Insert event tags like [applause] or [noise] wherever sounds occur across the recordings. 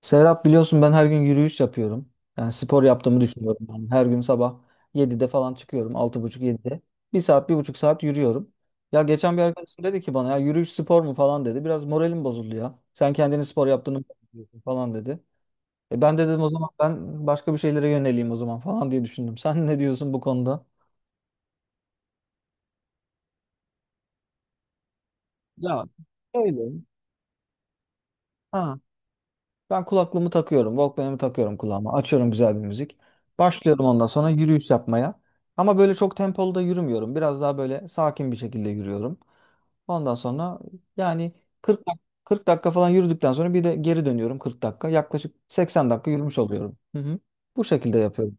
Serap biliyorsun ben her gün yürüyüş yapıyorum. Yani spor yaptığımı düşünüyorum. Yani her gün sabah 7'de falan çıkıyorum. 6.30-7'de. Bir saat, bir buçuk saat yürüyorum. Ya geçen bir arkadaşım dedi ki bana ya yürüyüş spor mu falan dedi. Biraz moralim bozuldu ya. "Sen kendini spor yaptığını mı zannediyorsun?" falan dedi. E ben de dedim o zaman ben başka bir şeylere yöneleyim o zaman falan diye düşündüm. Sen ne diyorsun bu konuda? Ya öyle. Ha. Ben kulaklığımı takıyorum. Walkman'ımı takıyorum kulağıma. Açıyorum güzel bir müzik. Başlıyorum ondan sonra yürüyüş yapmaya. Ama böyle çok tempolu da yürümüyorum. Biraz daha böyle sakin bir şekilde yürüyorum. Ondan sonra yani 40 dak- 40 dakika falan yürüdükten sonra bir de geri dönüyorum 40 dakika. Yaklaşık 80 dakika yürümüş oluyorum. Hı hı. Bu şekilde yapıyorum.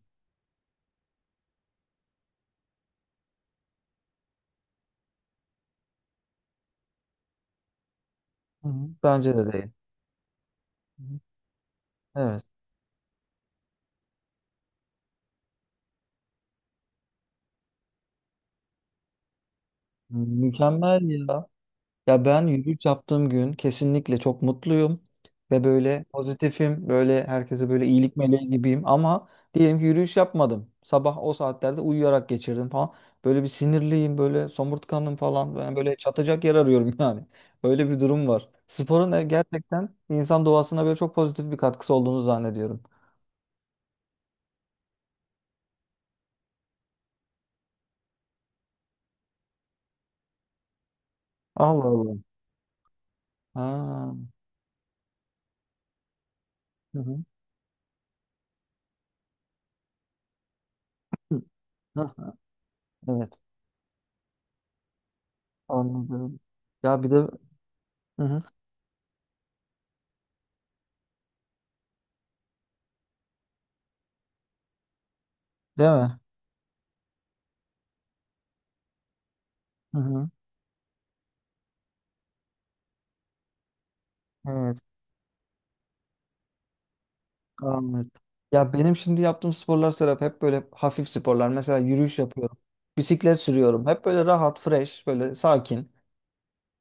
Hı hı. Bence de değil. Hı hı. Evet. Mükemmel ya. Ya ben yürüyüş yaptığım gün kesinlikle çok mutluyum ve böyle pozitifim, böyle herkese böyle iyilik meleği gibiyim ama diyelim ki yürüyüş yapmadım. Sabah o saatlerde uyuyarak geçirdim falan. Böyle bir sinirliyim, böyle somurtkanım falan. Ben böyle çatacak yer arıyorum [laughs] yani. Öyle bir durum var. Sporun da gerçekten insan doğasına böyle çok pozitif bir katkısı olduğunu zannediyorum. Allah Allah. Ha. Hı hı. Hı. Hah, evet. Anladım. Ya bir de hı hı. Değil mi? Hı hı. Evet. Anladım. Ya benim şimdi yaptığım sporlar Serap hep böyle hafif sporlar. Mesela yürüyüş yapıyorum. Bisiklet sürüyorum. Hep böyle rahat, fresh, böyle sakin.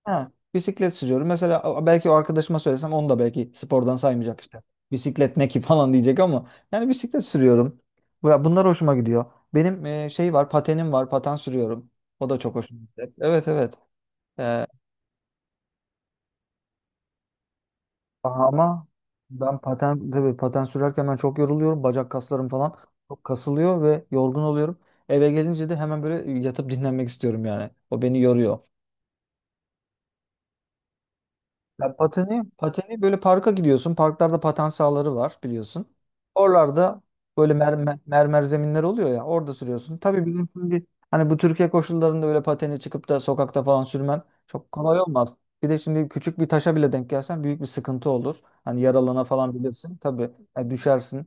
Ha, bisiklet sürüyorum. Belki o arkadaşıma söylesem onu da belki spordan saymayacak işte. Bisiklet ne ki [laughs] falan diyecek ama yani bisiklet sürüyorum. Ya bunlar hoşuma gidiyor. Benim şey var, patenim var. Paten sürüyorum. O da çok hoşuma gidiyor. Evet evet. Ama ben paten tabii paten sürerken ben çok yoruluyorum. Bacak kaslarım falan çok kasılıyor ve yorgun oluyorum. Eve gelince de hemen böyle yatıp dinlenmek istiyorum yani. O beni yoruyor. Ya pateni, pateni böyle parka gidiyorsun. Parklarda paten sahaları var biliyorsun. Oralarda böyle mermer, mermer zeminler oluyor ya. Orada sürüyorsun. Tabii bizim şimdi hani bu Türkiye koşullarında öyle pateni çıkıp da sokakta falan sürmen çok kolay olmaz. Bir de şimdi küçük bir taşa bile denk gelsen büyük bir sıkıntı olur. Hani yaralana falan bilirsin. Tabii yani düşersin.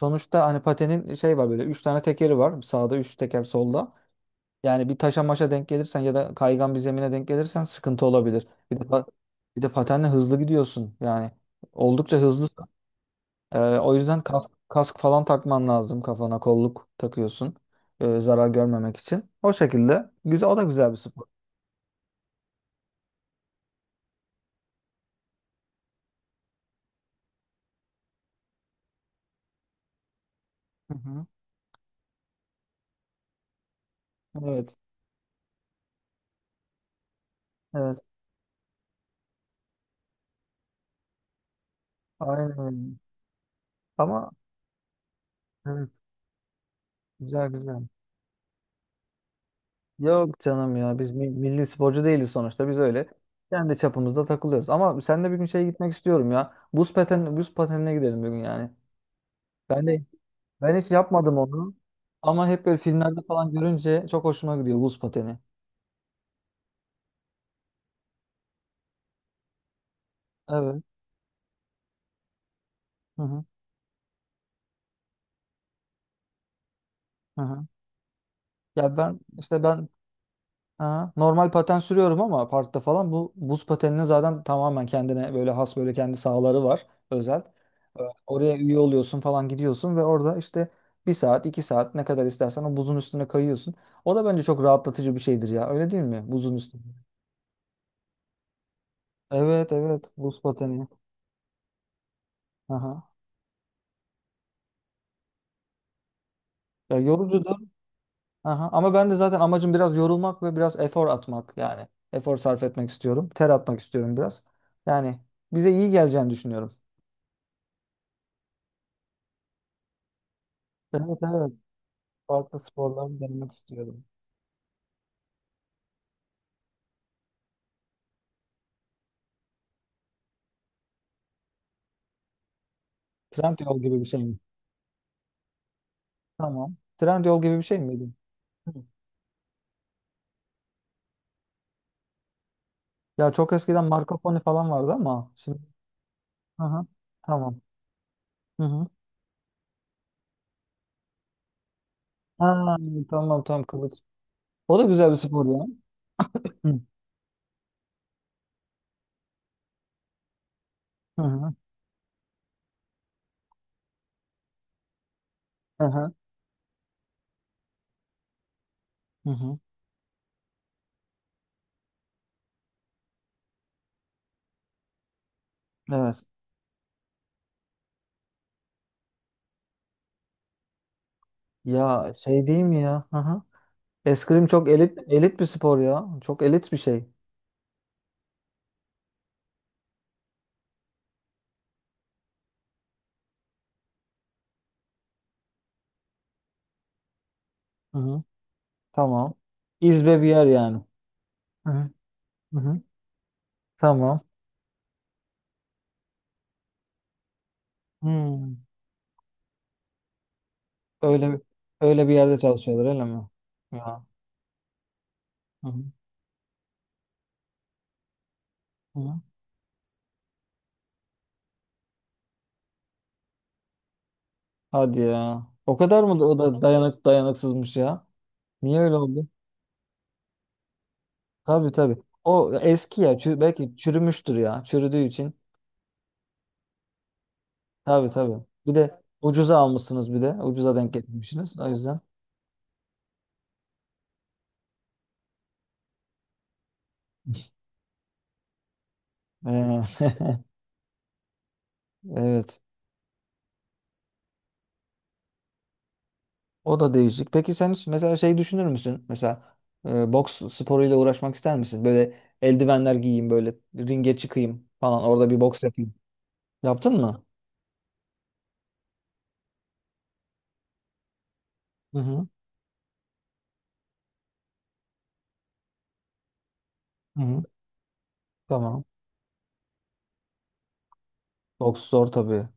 Sonuçta hani patenin şey var böyle. Üç tane tekeri var. Sağda üç teker solda. Yani bir taşa maşa denk gelirsen ya da kaygan bir zemine denk gelirsen sıkıntı olabilir. Bir de patenle hızlı gidiyorsun. Yani oldukça hızlısın. O yüzden kask, kask falan takman lazım kafana. Kolluk takıyorsun. Zarar görmemek için. O şekilde. Güzel, o da güzel bir spor. Hı hı. Evet. Evet. Aynen. Öyle. Ama evet. Güzel güzel. Yok canım ya milli sporcu değiliz sonuçta. Biz öyle kendi çapımızda takılıyoruz. Ama sen de bir gün şeye gitmek istiyorum ya. Buz pateni, buz patenine gidelim bir gün yani. Ben de ben hiç yapmadım onu. Ama hep böyle filmlerde falan görünce çok hoşuma gidiyor buz pateni. Evet. Hı hı. Hı hı. Ya ben işte aha, normal paten sürüyorum ama parkta falan bu buz pateninin zaten tamamen kendine böyle has böyle kendi sahaları var özel. Oraya üye oluyorsun falan gidiyorsun ve orada işte bir saat iki saat ne kadar istersen o buzun üstüne kayıyorsun. O da bence çok rahatlatıcı bir şeydir ya öyle değil mi? Buzun üstünde. Evet evet buz pateni. Aha. Ya yorucudur. Aha, ama ben de zaten amacım biraz yorulmak ve biraz efor atmak yani. Efor sarf etmek istiyorum. Ter atmak istiyorum biraz. Yani bize iyi geleceğini düşünüyorum. Evet evet. Farklı sporları denemek istiyorum. Trendyol gibi bir şey mi? Tamam. Trendyol gibi bir şey miydi? Hı. Ya çok eskiden Marco Polo falan vardı ama şimdi aha, tamam. Hı hı. Ha, tamam tamam kılıç. O da güzel bir spor ya. Hı hı. Hı hı. Hı hı. Hı hı. Evet. Ya şey değil mi ya? Hı hı. Eskrim çok elit elit bir spor ya. Çok elit bir şey. Hı hı. Tamam. İzbe bir yer yani. Hı hı. Hı hı. Tamam. Hmm. Öyle bir- Öyle bir yerde çalışıyorlar öyle mi? Ya hı hı. Hı hı. Hadi ya. O da dayanıksızmış ya? Niye öyle oldu? Tabii tabii. O eski ya. Belki çürümüştür ya. Çürüdüğü için. Tabii tabii. Bir de ucuza almışsınız bir de. Ucuza denk getirmişsiniz. O yüzden. Ee, [laughs] evet. O da değişik. Peki sen hiç mesela şey düşünür müsün? Mesela boks sporuyla uğraşmak ister misin? Böyle eldivenler giyeyim, böyle ringe çıkayım falan. Orada bir boks yapayım. Yaptın mı? Hı hı. Hı hı. Tamam. Boks zor tabii.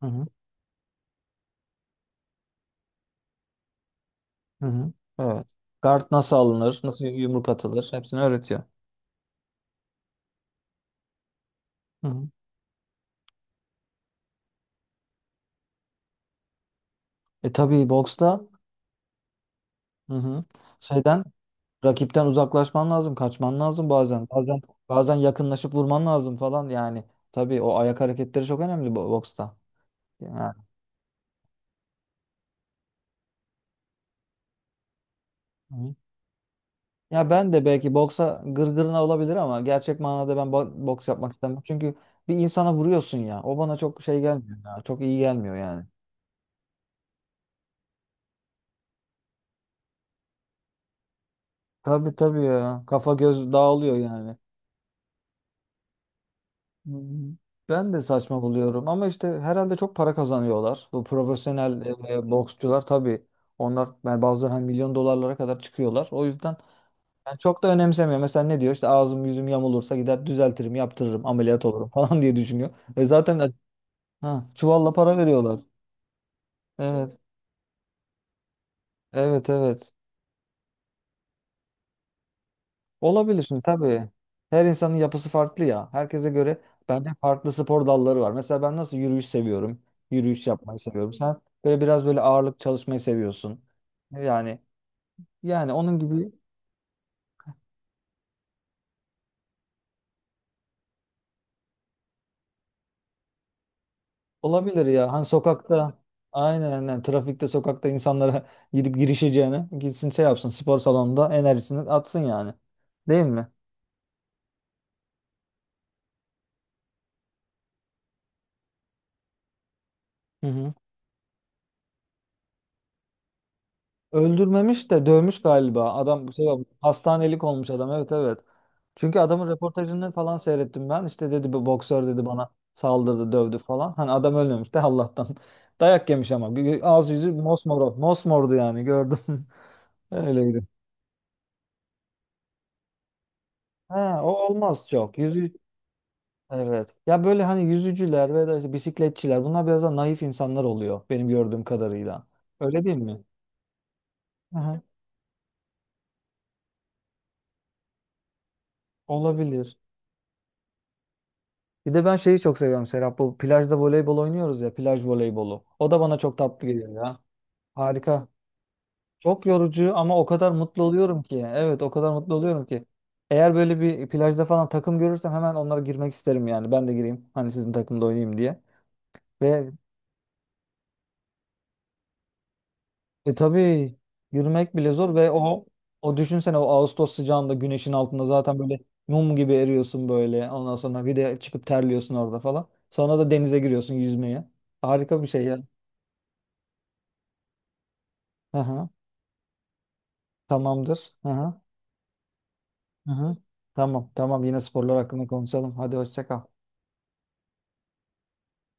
Hı hı. Hı hı. Evet. Guard nasıl alınır? Nasıl yumruk atılır? Hepsini öğretiyor. Hı hı. E tabii boksta hı hı. şeyden Rakipten uzaklaşman lazım, kaçman lazım bazen. Bazen yakınlaşıp vurman lazım falan yani. Tabii o ayak hareketleri çok önemli boksta. Yani hı. Ya ben de belki boksa gırgırına olabilir ama gerçek manada ben boks yapmak istemem. Çünkü bir insana vuruyorsun ya. O bana çok şey gelmiyor ya. Çok iyi gelmiyor yani. Tabii tabii ya. Kafa göz dağılıyor yani. Hı. Hı. Ben de saçma buluyorum ama işte herhalde çok para kazanıyorlar. Bu profesyonel boksçular tabii onlar yani bazıları hani milyon dolarlara kadar çıkıyorlar. O yüzden ben çok da önemsemiyor. Mesela ne diyor? İşte ağzım yüzüm yamulursa gider düzeltirim, yaptırırım, ameliyat olurum [laughs] falan diye düşünüyor. Ve zaten ha, çuvalla para veriyorlar. Evet, evet, evet. Olabilir şimdi tabii. Her insanın yapısı farklı ya. Herkese göre bence farklı spor dalları var. Mesela ben nasıl yürüyüş seviyorum. Yürüyüş yapmayı seviyorum. Sen böyle biraz böyle ağırlık çalışmayı seviyorsun. Yani yani onun gibi olabilir ya. Hani sokakta aynen aynen trafikte sokakta insanlara [laughs] gidip girişeceğine gitsin şey yapsın spor salonunda enerjisini atsın yani. Değil mi? Hı hı. Öldürmemiş de dövmüş galiba. Adam şey olmuş. Hastanelik olmuş adam. Evet evet. Çünkü adamın röportajını falan seyrettim ben. İşte dedi bir boksör dedi bana saldırdı, dövdü falan. Hani adam ölmemiş de Allah'tan. [laughs] Dayak yemiş ama. Ağzı yüzü mosmor. Mosmordu yani gördüm. [laughs] Öyleydi. Ha, o olmaz çok. Yüzü evet. Ya böyle hani yüzücüler ve de işte bisikletçiler bunlar biraz daha naif insanlar oluyor benim gördüğüm kadarıyla. Öyle değil mi? Aha, olabilir. Bir de ben şeyi çok seviyorum Serap. Bu plajda voleybol oynuyoruz ya. Plaj voleybolu. O da bana çok tatlı geliyor ya. Harika. Çok yorucu ama o kadar mutlu oluyorum ki. Evet o kadar mutlu oluyorum ki. Eğer böyle bir plajda falan takım görürsem hemen onlara girmek isterim yani. Ben de gireyim. Hani sizin takımda oynayayım diye. Ve tabii yürümek bile zor ve o o düşünsene o Ağustos sıcağında güneşin altında zaten böyle mum gibi eriyorsun böyle. Ondan sonra bir de çıkıp terliyorsun orada falan. Sonra da denize giriyorsun yüzmeye. Harika bir şey ya. Aha. Tamamdır. Hı hı. Hı hı. Tamam tamam yine sporlar hakkında konuşalım. Hadi hoşça kal.